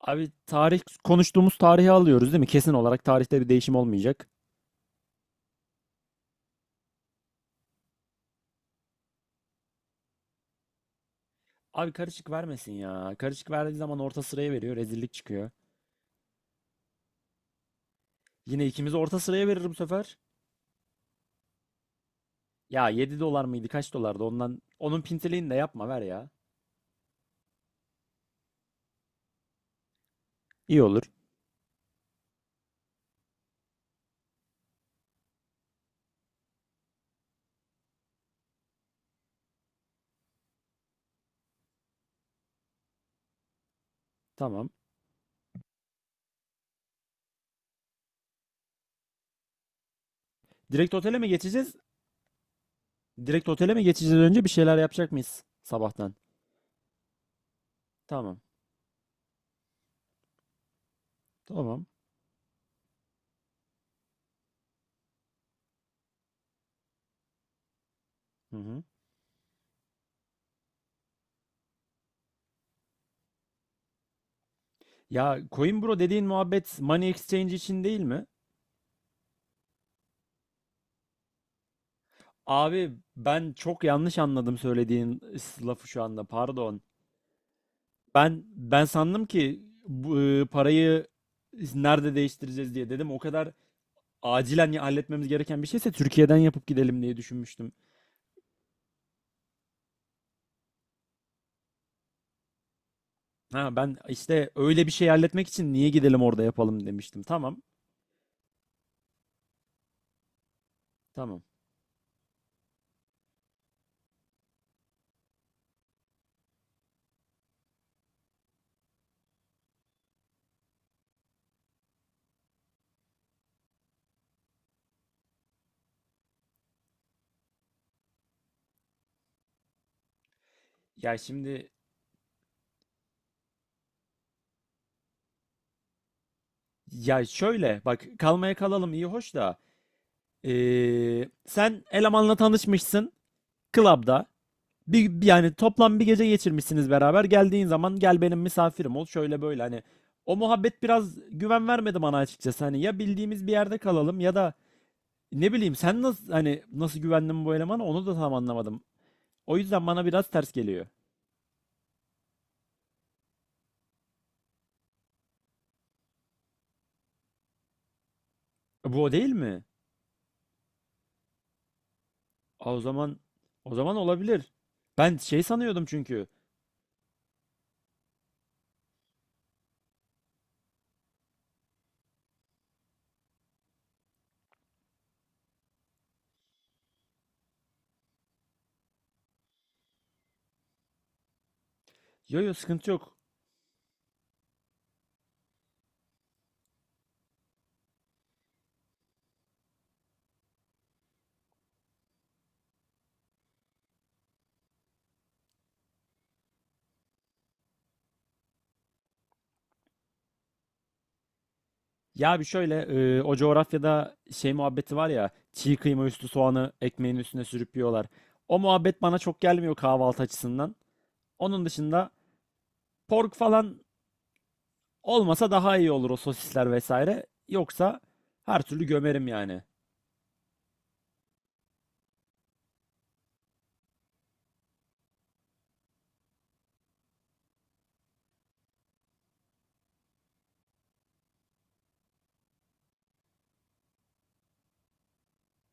Abi tarih konuştuğumuz tarihi alıyoruz değil mi? Kesin olarak tarihte bir değişim olmayacak. Abi karışık vermesin ya. Karışık verdiği zaman orta sıraya veriyor. Rezillik çıkıyor. Yine ikimizi orta sıraya verir bu sefer. Ya 7 dolar mıydı? Kaç dolardı? Ondan onun pintiliğini de yapma ver ya. İyi olur. Tamam. Direkt otele mi geçeceğiz? Direkt otele mi geçeceğiz, önce bir şeyler yapacak mıyız sabahtan? Tamam. Tamam. Hı hı. Ya Coinbro dediğin muhabbet Money Exchange için değil mi? Abi ben çok yanlış anladım söylediğin lafı şu anda. Pardon. Ben sandım ki bu parayı nerede değiştireceğiz diye dedim. O kadar acilen halletmemiz gereken bir şeyse Türkiye'den yapıp gidelim diye düşünmüştüm. Ha ben işte öyle bir şey halletmek için niye gidelim orada yapalım demiştim. Tamam. Tamam. Ya şimdi, ya şöyle bak, kalmaya kalalım iyi hoş da sen elemanla tanışmışsın club'da. Yani toplam 1 gece geçirmişsiniz beraber. Geldiğin zaman gel benim misafirim ol şöyle böyle, hani o muhabbet biraz güven vermedi bana açıkçası. Hani ya bildiğimiz bir yerde kalalım ya da ne bileyim, sen nasıl, hani nasıl güvendin bu elemana onu da tam anlamadım. O yüzden bana biraz ters geliyor. Bu o değil mi? Aa, o zaman olabilir. Ben şey sanıyordum çünkü. Yo yo, sıkıntı yok. Ya bir şöyle, o coğrafyada şey muhabbeti var ya, çiğ kıyma üstü soğanı ekmeğin üstüne sürüp yiyorlar. O muhabbet bana çok gelmiyor kahvaltı açısından. Onun dışında pork falan olmasa daha iyi olur, o sosisler vesaire. Yoksa her türlü gömerim yani.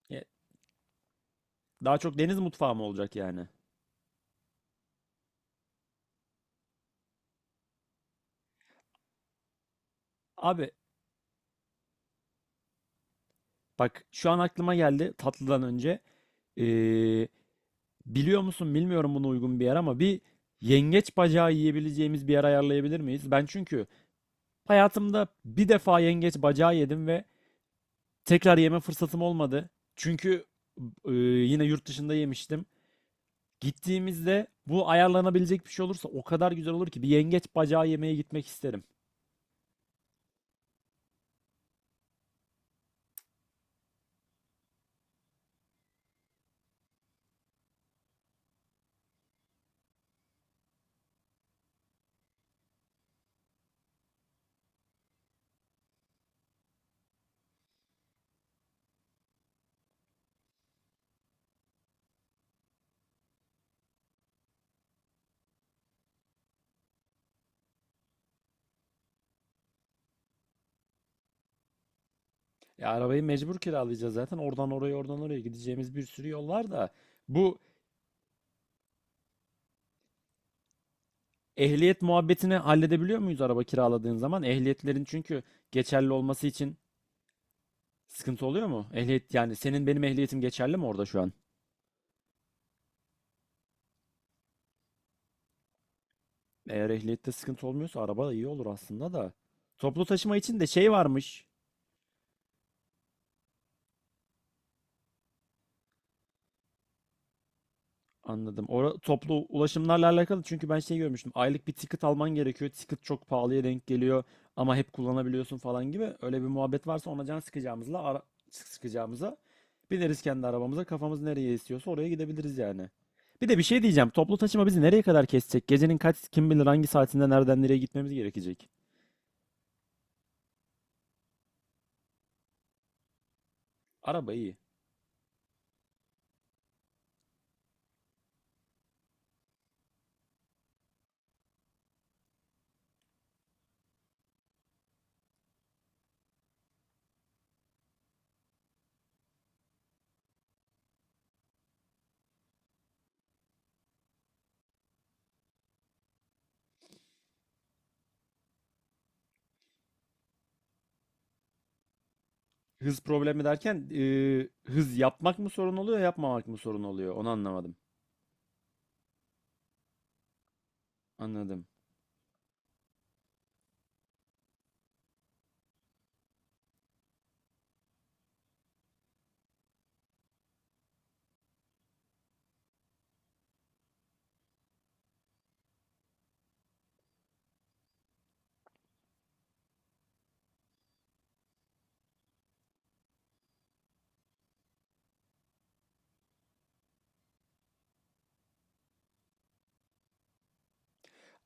E, Daha çok deniz mutfağı mı olacak yani? Abi, bak şu an aklıma geldi tatlıdan önce. E, Biliyor musun bilmiyorum buna uygun bir yer ama bir yengeç bacağı yiyebileceğimiz bir yer ayarlayabilir miyiz? Ben çünkü hayatımda 1 defa yengeç bacağı yedim ve tekrar yeme fırsatım olmadı. Çünkü yine yurt dışında yemiştim. Gittiğimizde bu ayarlanabilecek bir şey olursa o kadar güzel olur ki, bir yengeç bacağı yemeye gitmek isterim. Ya arabayı mecbur kiralayacağız zaten. Oradan oraya, oradan oraya gideceğimiz bir sürü yol var da. Bu ehliyet muhabbetini halledebiliyor muyuz araba kiraladığın zaman? Ehliyetlerin çünkü geçerli olması için sıkıntı oluyor mu? Ehliyet yani, senin benim ehliyetim geçerli mi orada şu an? Eğer ehliyette sıkıntı olmuyorsa araba da iyi olur aslında da. Toplu taşıma için de şey varmış. Anladım. Toplu ulaşımlarla alakalı çünkü ben şey görmüştüm. Aylık bir ticket alman gerekiyor. Ticket çok pahalıya denk geliyor ama hep kullanabiliyorsun falan gibi. Öyle bir muhabbet varsa ona can sıkacağımızla, sıkacağımıza bineriz kendi arabamıza. Kafamız nereye istiyorsa oraya gidebiliriz yani. Bir de bir şey diyeceğim. Toplu taşıma bizi nereye kadar kesecek? Gecenin kaç, kim bilir hangi saatinde nereden nereye gitmemiz gerekecek? Araba iyi. Hız problemi derken hız yapmak mı sorun oluyor, yapmamak mı sorun oluyor? Onu anlamadım. Anladım.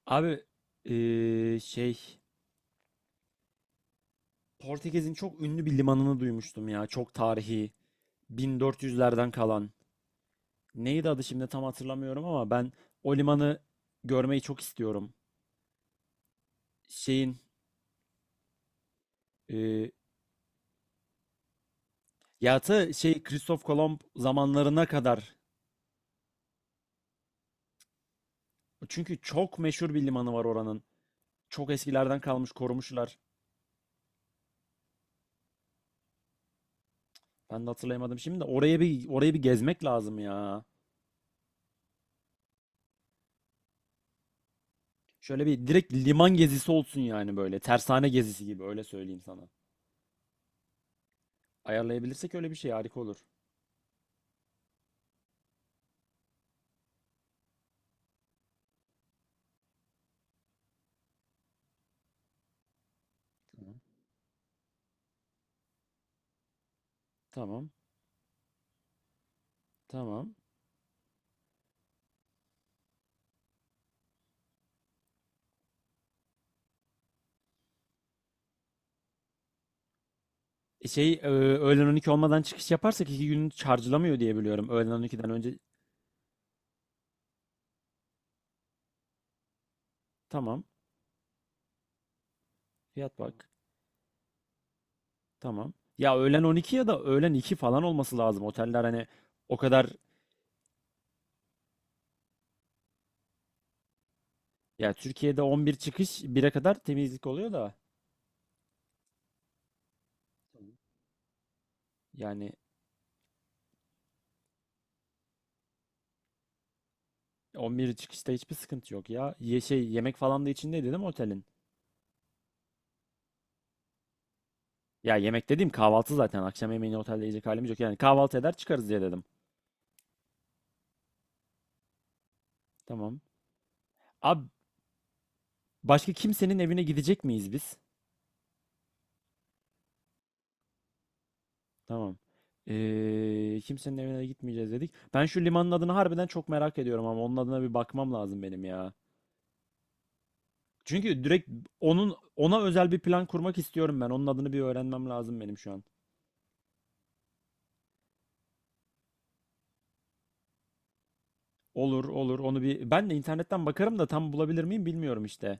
Abi, şey, Portekiz'in çok ünlü bir limanını duymuştum ya. Çok tarihi. 1400'lerden kalan. Neydi adı şimdi, tam hatırlamıyorum ama ben o limanı görmeyi çok istiyorum. Şeyin e, ya Ta şey Kristof Kolomb zamanlarına kadar. Çünkü çok meşhur bir limanı var oranın. Çok eskilerden kalmış, korumuşlar. Ben de hatırlayamadım şimdi de, oraya bir gezmek lazım ya. Şöyle bir direkt liman gezisi olsun yani, böyle. Tersane gezisi gibi, öyle söyleyeyim sana. Ayarlayabilirsek öyle bir şey harika olur. Tamam. Tamam. Tamam. E Şey e, öğlen 12 olmadan çıkış yaparsak 2 gün charge'lamıyor diye biliyorum. Öğlen 12'den önce tamam. Fiyat bak. Tamam. Ya öğlen 12 ya da öğlen 2 falan olması lazım. Oteller hani o kadar, ya Türkiye'de 11 çıkış bire kadar temizlik oluyor da. Tamam. Yani 11 çıkışta hiçbir sıkıntı yok ya. Şey, yemek falan da içinde dedim otelin. Ya yemek dediğim kahvaltı zaten. Akşam yemeğini otelde yiyecek halimiz yok. Yani kahvaltı eder çıkarız diye dedim. Tamam. Abi, başka kimsenin evine gidecek miyiz biz? Tamam. Kimsenin evine gitmeyeceğiz dedik. Ben şu limanın adını harbiden çok merak ediyorum ama onun adına bir bakmam lazım benim ya. Çünkü direkt ona özel bir plan kurmak istiyorum ben. Onun adını bir öğrenmem lazım benim şu an. Olur olur, onu bir ben de internetten bakarım da tam bulabilir miyim bilmiyorum işte.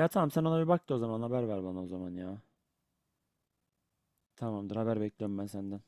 Ya tamam, sen ona bir bak da o zaman haber ver bana o zaman ya. Tamamdır, haber bekliyorum ben senden.